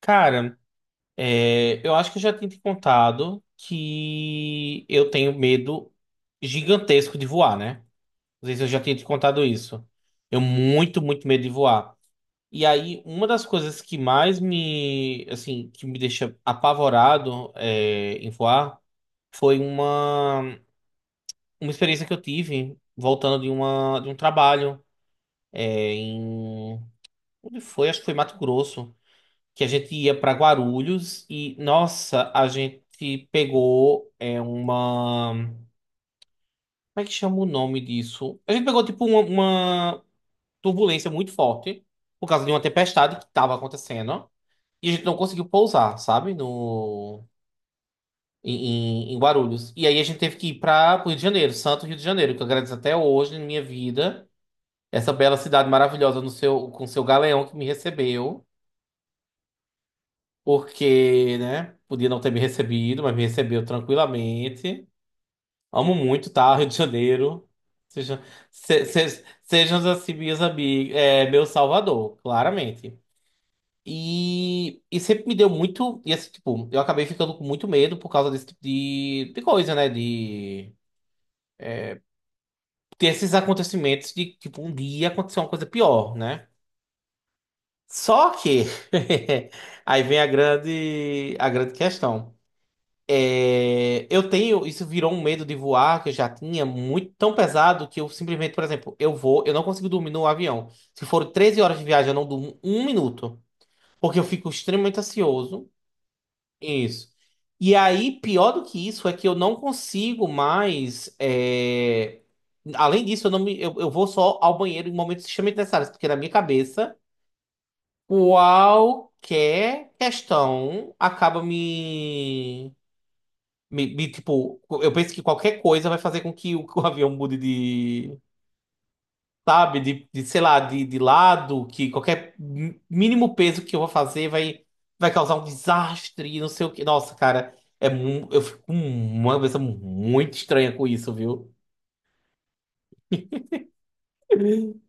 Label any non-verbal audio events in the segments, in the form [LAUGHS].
Cara, eu acho que eu já tinha te contado que eu tenho medo gigantesco de voar, né? Não sei se eu já tinha te contado isso. Eu muito, muito medo de voar. E aí, uma das coisas que mais me, assim, que me deixa apavorado, em voar foi uma experiência que eu tive voltando de de um trabalho, é, em, onde foi? Acho que foi Mato Grosso. Que a gente ia para Guarulhos e, nossa, a gente pegou é uma. Como é que chama o nome disso? A gente pegou, tipo, uma turbulência muito forte por causa de uma tempestade que estava acontecendo e a gente não conseguiu pousar, sabe? No. Em Guarulhos. E aí a gente teve que ir para o Rio de Janeiro, Santo Rio de Janeiro, que eu agradeço até hoje na minha vida. Essa bela cidade maravilhosa no seu, com seu galeão que me recebeu. Porque, né, podia não ter me recebido, mas me recebeu tranquilamente. Amo muito, tá? Rio de Janeiro. Sejam, sejam assim minhas amigas, é, meu salvador, claramente. E sempre me deu muito. E assim, tipo, eu acabei ficando com muito medo por causa desse tipo de coisa, né? De ter esses acontecimentos de, tipo, um dia acontecer uma coisa pior, né? Só que [LAUGHS] aí vem a grande questão. É, eu tenho, isso virou um medo de voar que eu já tinha muito tão pesado que eu simplesmente, por exemplo, eu vou, eu não consigo dormir no avião. Se for 13 horas de viagem, eu não durmo um minuto, porque eu fico extremamente ansioso. Isso. E aí, pior do que isso, é que eu não consigo mais. Além disso, eu não me, eu vou só ao banheiro em momentos extremamente necessários, porque na minha cabeça, qualquer questão acaba me tipo, eu penso que qualquer coisa vai fazer com que [LAUGHS] que o avião mude de, sabe, de, sei lá, de lado, que qualquer mínimo peso que eu vou fazer vai, vai causar um desastre, e não sei o que. Nossa, cara, eu fico com uma cabeça muito estranha com isso, viu?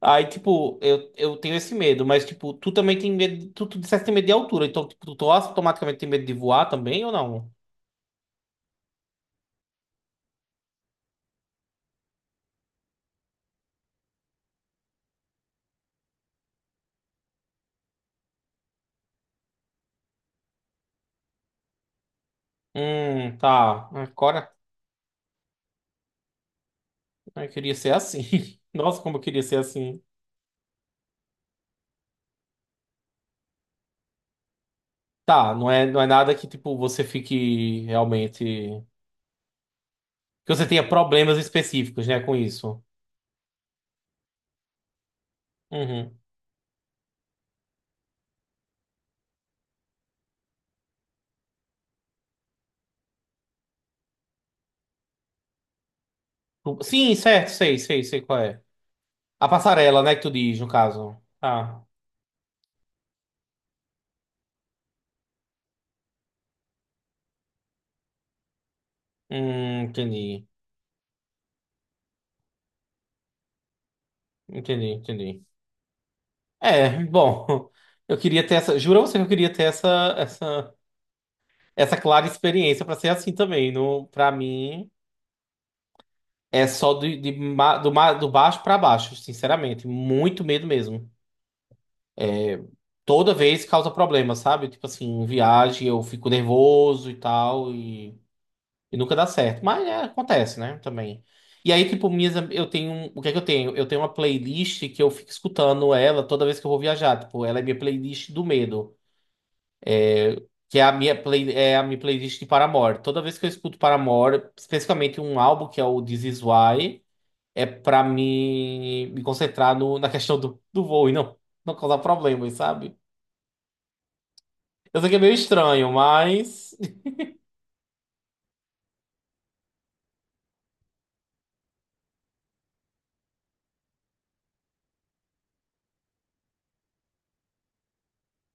Aí, tipo, eu tenho esse medo, mas, tipo, tu também tem medo, tu disseste que tem medo de altura, então, tipo, tu automaticamente tem medo de voar também ou não? Tá. Agora, eu queria ser assim. [LAUGHS] Nossa, como eu queria ser assim. Tá, não é nada que, tipo, você fique realmente. Que você tenha problemas específicos, né, com isso. Uhum. Sim, certo, sei, sei, sei qual é. A passarela, né, que tu diz, no caso. Tá. Entendi. Entendi, entendi. É, bom, [LAUGHS] eu queria ter essa. Juro a você que eu queria ter essa clara experiência pra ser assim também. No, para mim, é só do, do baixo pra baixo, sinceramente. Muito medo mesmo. Toda vez causa problema, sabe? Tipo assim, em viagem eu fico nervoso e tal, e nunca dá certo. Mas é, acontece, né? Também. E aí, tipo, eu tenho. O que é que eu tenho? Eu tenho uma playlist que eu fico escutando ela toda vez que eu vou viajar. Tipo, ela é minha playlist do medo. Que é a minha, é a minha playlist de Paramore. Toda vez que eu escuto Paramore, especificamente um álbum que é o This Is Why, é pra me concentrar no, na questão do, do voo e não, não causar problemas, sabe? Eu sei que é meio estranho, mas.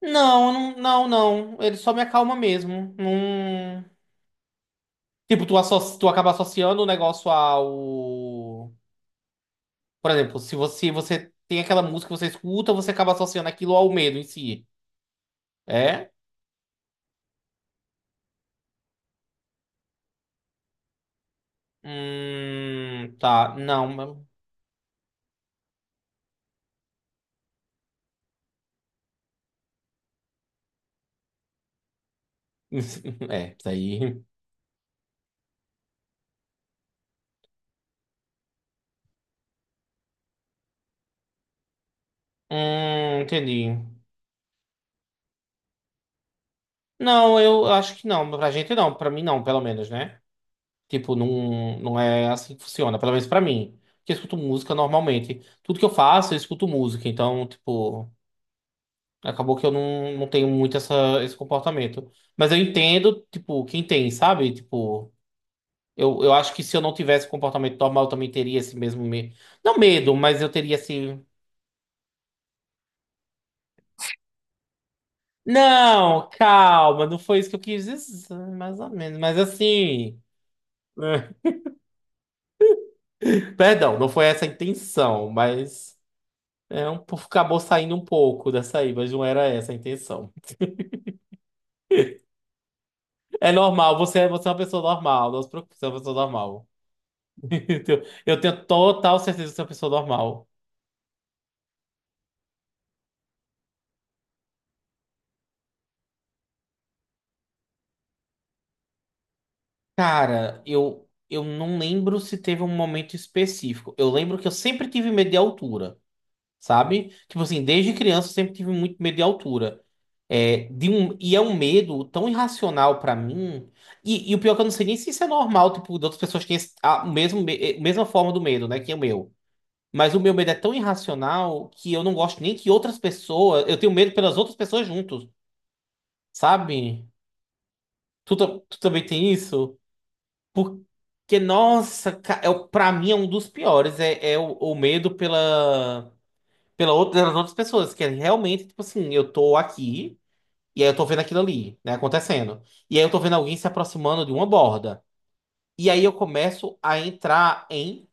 Não. Ele só me acalma mesmo. Não... Tipo, tu acaba associando o negócio ao. Por exemplo, se você, você tem aquela música que você escuta, você acaba associando aquilo ao medo em si. É? Tá. Não. Mas- [LAUGHS] É, isso aí. Entendi. Não, eu acho que não. Pra gente não. Pra mim não, pelo menos, né? Tipo, não, não é assim que funciona. Pelo menos pra mim. Porque eu escuto música normalmente. Tudo que eu faço, eu escuto música. Então, tipo. Acabou que eu não, não tenho muito essa, esse comportamento. Mas eu entendo, tipo, quem tem, sabe? Tipo, eu acho que se eu não tivesse comportamento normal, eu também teria esse mesmo medo. Não medo, mas eu teria esse. Não, calma, não foi isso que eu quis dizer, mais ou menos. Mas assim. [LAUGHS] Perdão, não foi essa a intenção, mas. É um, acabou saindo um pouco dessa aí, mas não era essa a intenção. É normal, você é uma pessoa normal, não se preocupe, você é uma pessoa normal. [LAUGHS] Eu tenho total certeza que você é uma pessoa normal. Cara, eu não lembro se teve um momento específico. Eu lembro que eu sempre tive medo de altura, sabe? Tipo assim, desde criança eu sempre tive muito medo de altura. É, de um, e é um medo tão irracional pra mim. E o pior é que eu não sei nem se isso é normal, tipo, de outras pessoas que têm a mesma forma do medo, né? Que é o meu. Mas o meu medo é tão irracional que eu não gosto nem que outras pessoas. Eu tenho medo pelas outras pessoas juntos, sabe? Tu também tem isso? Porque, nossa, pra mim é um dos piores. É, é o medo pela, pela outra, pelas outras pessoas. Que é realmente, tipo assim, eu tô aqui e aí eu tô vendo aquilo ali, né, acontecendo. E aí eu tô vendo alguém se aproximando de uma borda. E aí eu começo a entrar em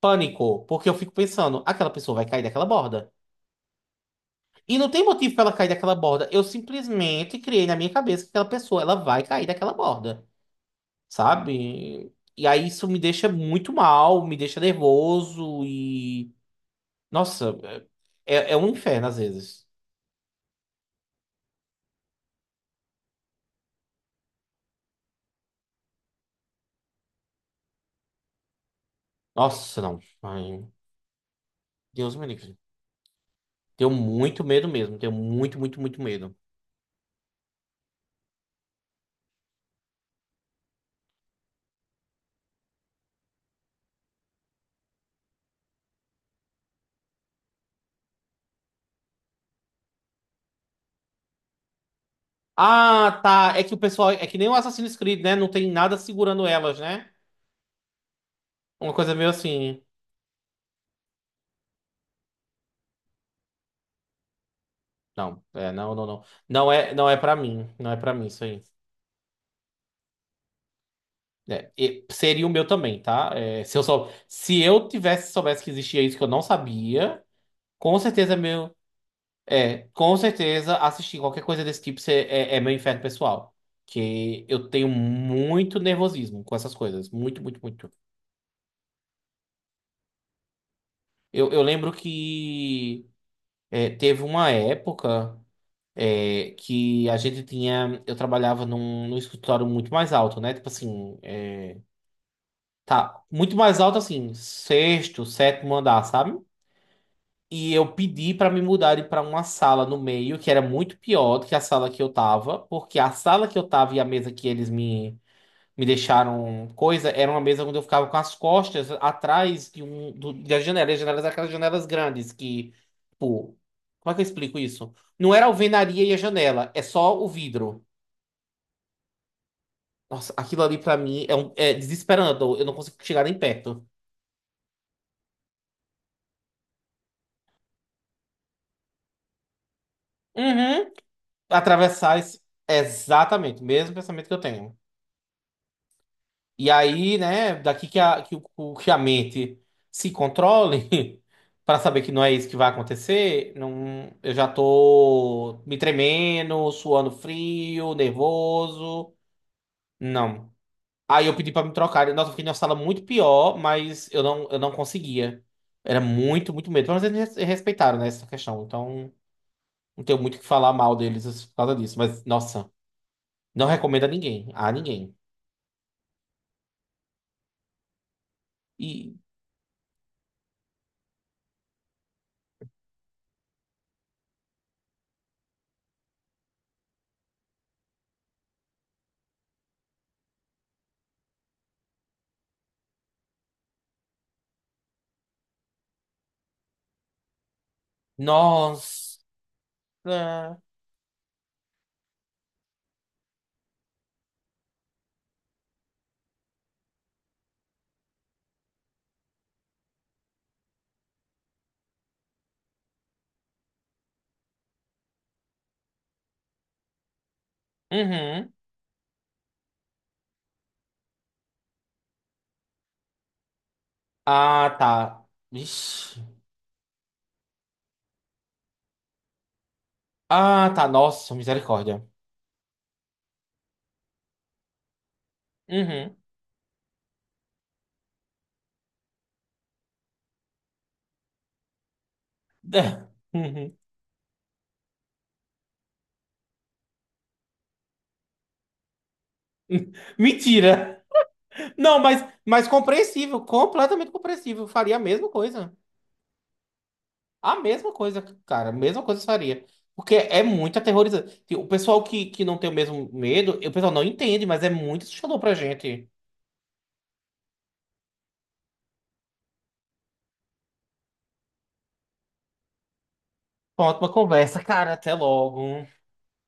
pânico. Porque eu fico pensando, aquela pessoa vai cair daquela borda. E não tem motivo pra ela cair daquela borda. Eu simplesmente criei na minha cabeça que aquela pessoa, ela vai cair daquela borda. Sabe? E aí isso me deixa muito mal, me deixa nervoso e. Nossa, é um inferno às vezes. Nossa, não. Ai, Deus me livre. Tenho muito medo mesmo, tenho muito, muito, muito medo. Ah, tá. É que o pessoal. É que nem o Assassin's Creed, né? Não tem nada segurando elas, né? Uma coisa meio assim. Não. Não é pra mim. Não é pra mim isso aí. É, e seria o meu também, tá? É, se eu sou, se eu tivesse soubesse que existia isso que eu não sabia. Com certeza, é meu. É, com certeza, assistir qualquer coisa desse tipo é meu inferno pessoal. Que eu tenho muito nervosismo com essas coisas. Muito, muito, muito. Eu lembro que teve uma época que a gente tinha. Eu trabalhava num, num escritório muito mais alto, né? Tipo assim, é, tá. Muito mais alto, assim, sexto, sétimo andar, sabe? E eu pedi para me mudarem para uma sala no meio, que era muito pior do que a sala que eu tava, porque a sala que eu tava e a mesa que eles me, me deixaram coisa, era uma mesa onde eu ficava com as costas atrás de um, do, das janelas. E as janelas, eram aquelas janelas grandes que, tipo, como é que eu explico isso? Não era a alvenaria e a janela, é só o vidro. Nossa, aquilo ali para mim é, um, é desesperando, eu não consigo chegar nem perto. Uhum. Atravessar esse... Exatamente, o mesmo pensamento que eu tenho. E aí, né, daqui que que a mente se controle, [LAUGHS] para saber que não é isso que vai acontecer, não, eu já tô me tremendo, suando frio, nervoso. Não. Aí eu pedi para me trocar. Nossa, eu fiquei numa sala muito pior, mas eu não conseguia. Era muito, muito medo. Mas eles respeitaram, né, essa questão. Então, não tenho muito o que falar mal deles por causa disso. Mas, nossa, não recomendo a ninguém. A ninguém. E, nossa. Uhum. Ah, tá. Ixi. Ah, tá. Nossa, misericórda. Uhum. [LAUGHS] Uhum. Mentira. Não, mas compreensível, completamente compreensível. Faria a mesma coisa. A mesma coisa, cara. A mesma coisa eu faria. Porque é muito aterrorizante. Tipo, o pessoal que não tem o mesmo medo, o pessoal não entende, mas é muito assustador pra gente. Pronto, uma conversa, cara. Até logo.